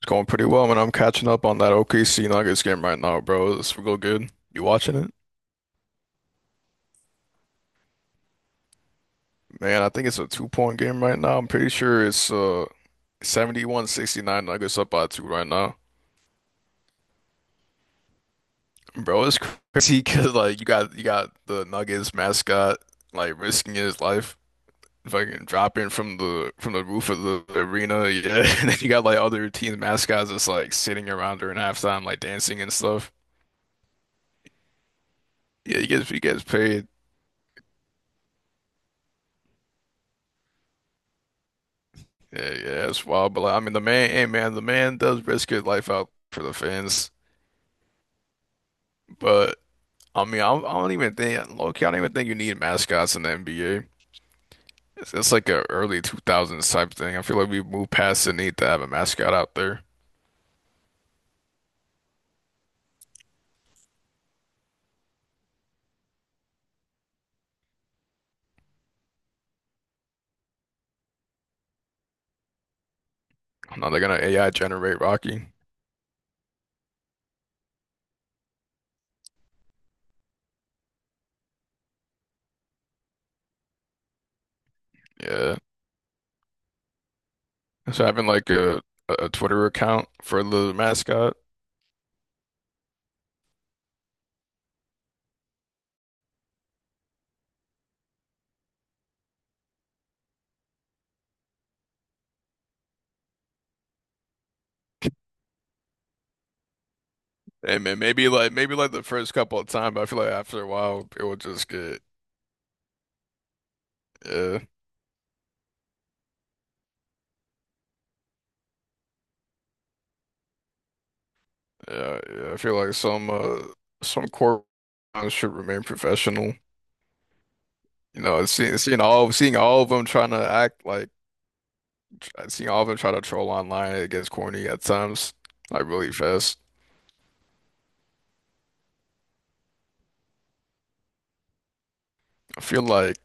It's going pretty well, man. I'm catching up on that OKC Nuggets game right now, bro. It's real good. You watching it? Man, I think it's a two-point game right now. I'm pretty sure it's 71-69, Nuggets up by two right now. Bro, it's crazy because like you got the Nuggets mascot like risking his life, fucking dropping from the roof of the arena. Yeah, and then you got like other team mascots just like sitting around during halftime, like dancing and stuff. Yeah, he gets paid. Yeah, yeah, it's wild, but the man does risk his life out for the fans. But I mean, I don't even think, low key, I don't even think you need mascots in the NBA. It's like a early 2000s type thing. I feel like we've moved past the need to have a mascot out there. Now they're gonna AI generate Rocky. Yeah, so having like a Twitter account for the mascot. Hey man, maybe like the first couple of times, but I feel like after a while it will just get. Yeah. Yeah, yeah, I feel like some some corporate should remain professional. You know, seeing all of them trying to act like seeing all of them try to troll online, it gets corny at times, like really fast. I feel like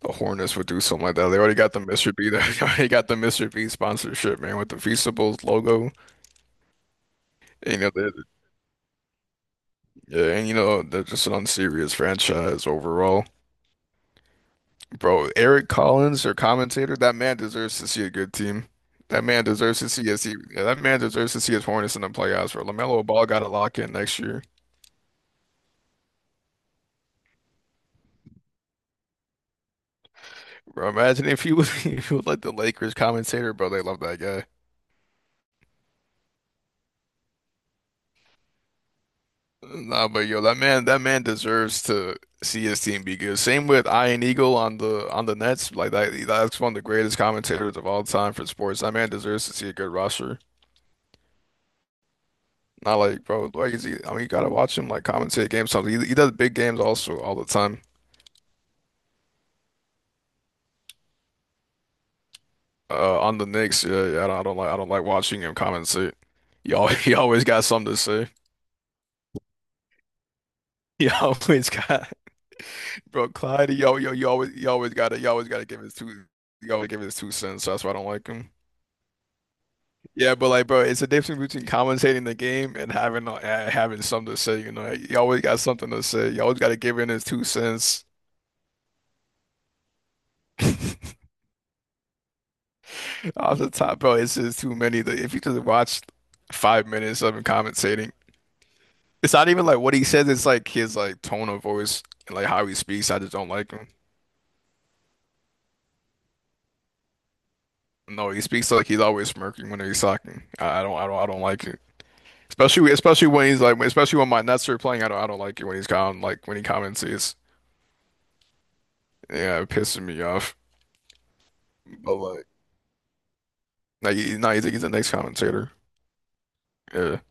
the Hornets would do something like that. They already got the Mr. B, they already got the Mr. B sponsorship, man, with the Feastables logo. And, you know, they're, yeah, and you know they're just an unserious franchise overall. Bro, Eric Collins, your commentator, that man deserves to see a good team. That man deserves to see us. yeah, That man deserves to see his Hornets in the playoffs. Bro, LaMelo Ball got a lock in next year. Bro, imagine if he was if he was like the Lakers commentator, bro. They love that guy. Nah, but yo, that man deserves to see his team be good. Same with Ian Eagle on the Nets. That's one of the greatest commentators of all time for sports. That man deserves to see a good roster. Not like, bro, like is he, I mean, you gotta watch him like commentate games. Something he does big games also all the time. On the Knicks, yeah, yeah, I don't like watching him compensate. He always, he always got something to say. He always got Bro, Clyde. You always you always gotta give his two you always give his two cents. That's why I don't like him. Yeah, but like, bro, it's a difference between commentating the game and having having something to say. You know, you always got something to say. You always gotta give in his two cents. Off the top, bro, it's just too many. Like, if you just watch 5 minutes of him commentating. It's not even like what he says, it's like his like tone of voice and like how he speaks. I just don't like him. No, he speaks like he's always smirking when he's talking. I don't like it. Especially when he's like especially when my Nets are playing, I don't like it when he's comment like when he comments it's yeah, it pisses me off. But like no, he's the next commentator. Yeah.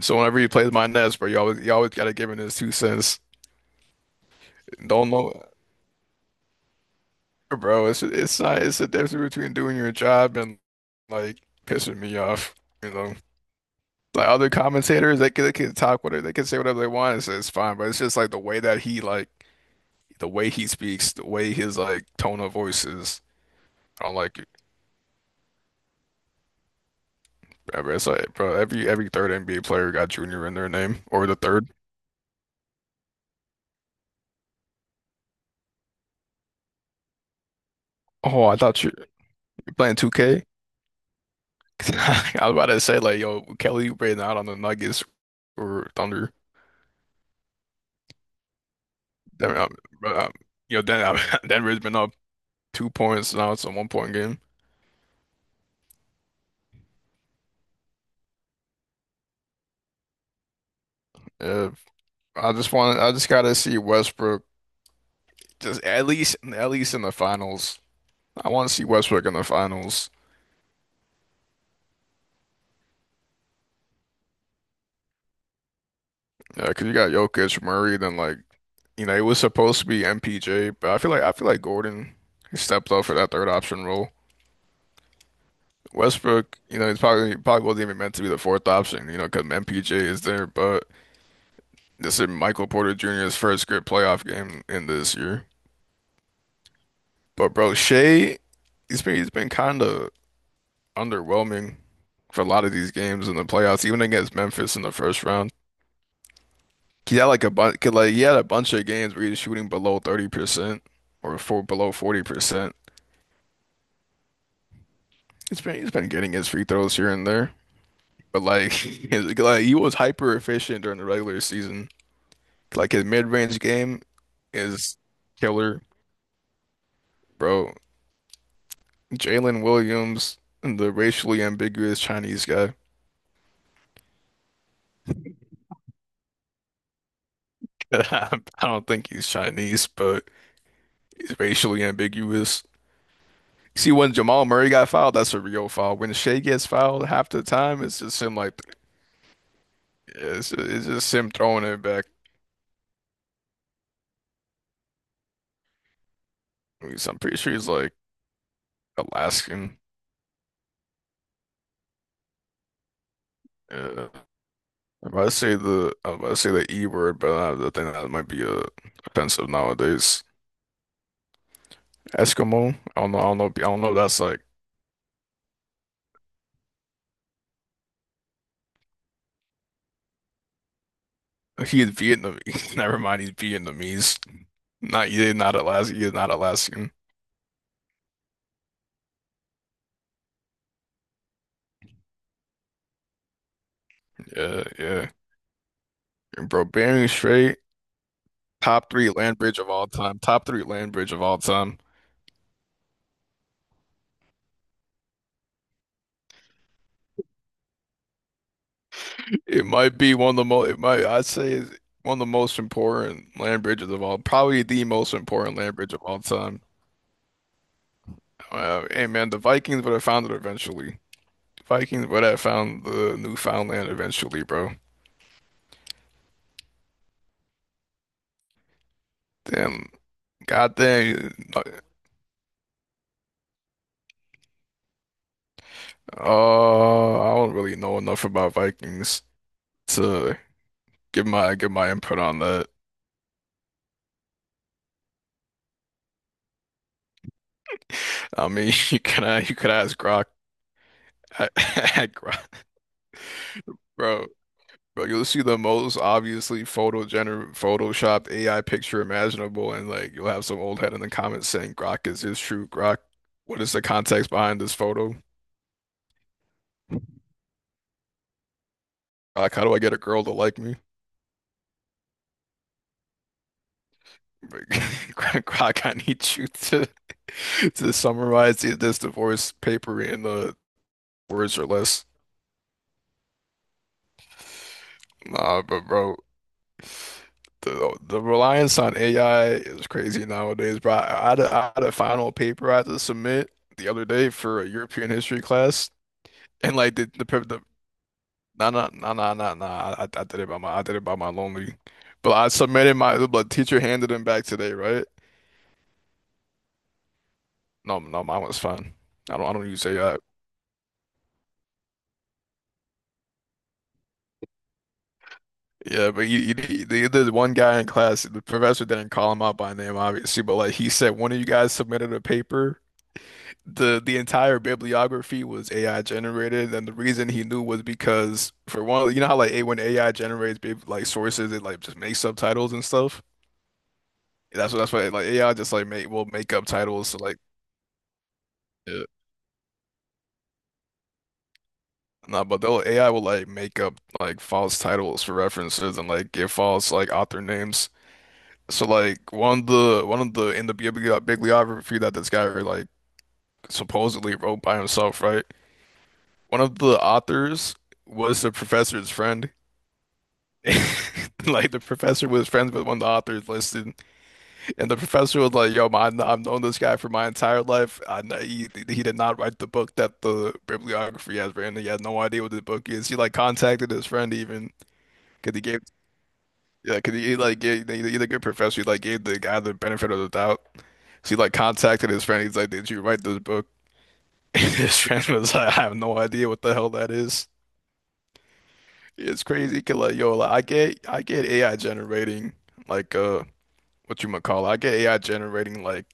So whenever he plays my Nets, bro, you always gotta give him his two cents. Don't know bro, it's not it's the difference between doing your job and like pissing me off, you know. Like other commentators, they can talk whatever they can say whatever they want. It's fine, but it's just like the way that he like the way he speaks, the way his like tone of voice is. I don't like it. Ever. It's like, bro, every third NBA player got Junior in their name or the third. Oh, I thought you playing 2K. I was about to say like, yo, Kelly Oubre out on the Nuggets or Thunder. Then, um, um, then, Denver's been up 2 points now. It's a 1 point game. Uh, I just gotta see Westbrook just at least in the finals. I want to see Westbrook in the finals. Yeah, because you got Jokic, Murray, then like you know it was supposed to be MPJ, but I feel like Gordon he stepped up for that third option role. Westbrook, you know, he's probably wasn't even meant to be the fourth option, you know, because MPJ is there. But this is Michael Porter Jr.'s first good playoff game in this year. But bro, Shea, he's been kind of underwhelming for a lot of these games in the playoffs, even against Memphis in the first round. He had like a bunch, like he had a bunch of games where he was shooting below 30% or for below 40%. He's been getting his free throws here and there, but like, he was hyper efficient during the regular season. Like his mid-range game is killer, bro. Jalen Williams, the racially ambiguous Chinese guy. I don't think he's Chinese, but he's racially ambiguous. See, when Jamal Murray got fouled, that's a real foul. When Shea gets fouled half the time, it's just him like it's just him throwing it back. I'm pretty sure he's like Alaskan. Yeah. I'm about to say the E word, but I think that might be offensive nowadays. Eskimo. I don't know. I don't know. I don't know if that's like he's Vietnamese. Never mind. He's Vietnamese. Not yeah. Not Alaskan. He's not Alaskan. Yeah. Yeah. Bro, Bering Strait. Top three land bridge of all time. Top three land bridge of all time. It might be one of the most, it might, I'd say it's one of the most important land bridges of all, probably the most important land bridge of all time. And man, the Vikings would have found it eventually. Vikings would have found the Newfoundland eventually, bro. Damn, goddamn. I don't really know enough about Vikings to give my input on that. I mean, you could ask Grok, Grok, bro. Bro, you'll see the most obviously Photoshop AI picture imaginable, and like you'll have some old head in the comments saying, "Grok, is this true? Grok, what is the context behind this photo? Grok, how do I get a girl to like me? Like, Grok, I need you to to summarize this divorce paper in the words or less." Nah, but bro, the reliance on AI is crazy nowadays, bro. I had a final paper I had to submit the other day for a European history class. And like the per- the nah nah nah nah nah nah. I did it by my lonely. But I submitted my the teacher handed them back today, right? No no mine was fine. I don't use AI. Yeah, but the one guy in class, the professor didn't call him out by name, obviously, but like he said, one of you guys submitted a paper. The entire bibliography was AI generated, and the reason he knew was because for one, you know how like a when AI generates sources, it like just makes subtitles and stuff. That's what like AI just like make will make up titles to like yeah. Nah, but they'll AI will like make up like false titles for references and like give false like author names. So like one of the in the bibliography that this guy like supposedly wrote by himself, right? One of the authors was the professor's friend. Like the professor was friends with one of the authors listed. And the professor was like, "Yo, man, I've known this guy for my entire life. I know he did not write the book that the bibliography has written. He has no idea what the book is. He like contacted his friend even because he gave yeah, because he like gave he, he's a good professor. He like gave the guy the benefit of the doubt. So he like contacted his friend. He's like, 'Did you write this book?' And his friend was like, 'I have no idea what the hell that is.' It's crazy. 'Cause, like, yo, like, I get AI generating like what you might call it. I get AI generating like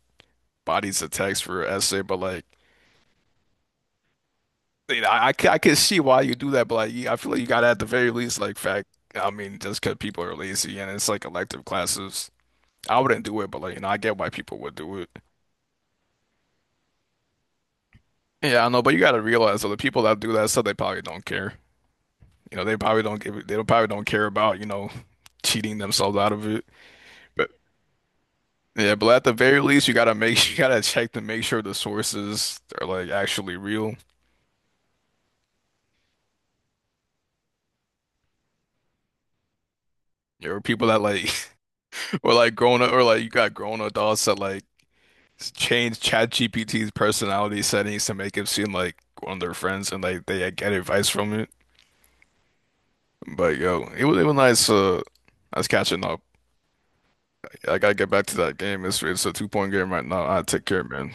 bodies of text for essay, but like. You know, I can see why you do that, but like, you- I feel like you gotta at the very least like fact. I mean, just because people are lazy and it's like elective classes, I wouldn't do it, but like, you know, I get why people would do it. Yeah, I know, but you gotta realize that the people that do that stuff, they probably don't care. You know, they probably don't give, they don't probably don't care about, you know, cheating themselves out of it. But yeah, but at the very least, you gotta make, you gotta check to make sure the sources are like actually real. There are people that like, or like grown up, or like you got grown adults that like change ChatGPT's personality settings to make him seem like one of their friends, and like they get advice from it. But yo, it was nice. I was catching up. I gotta get back to that game. It's a 2 point game right now. I take care, man.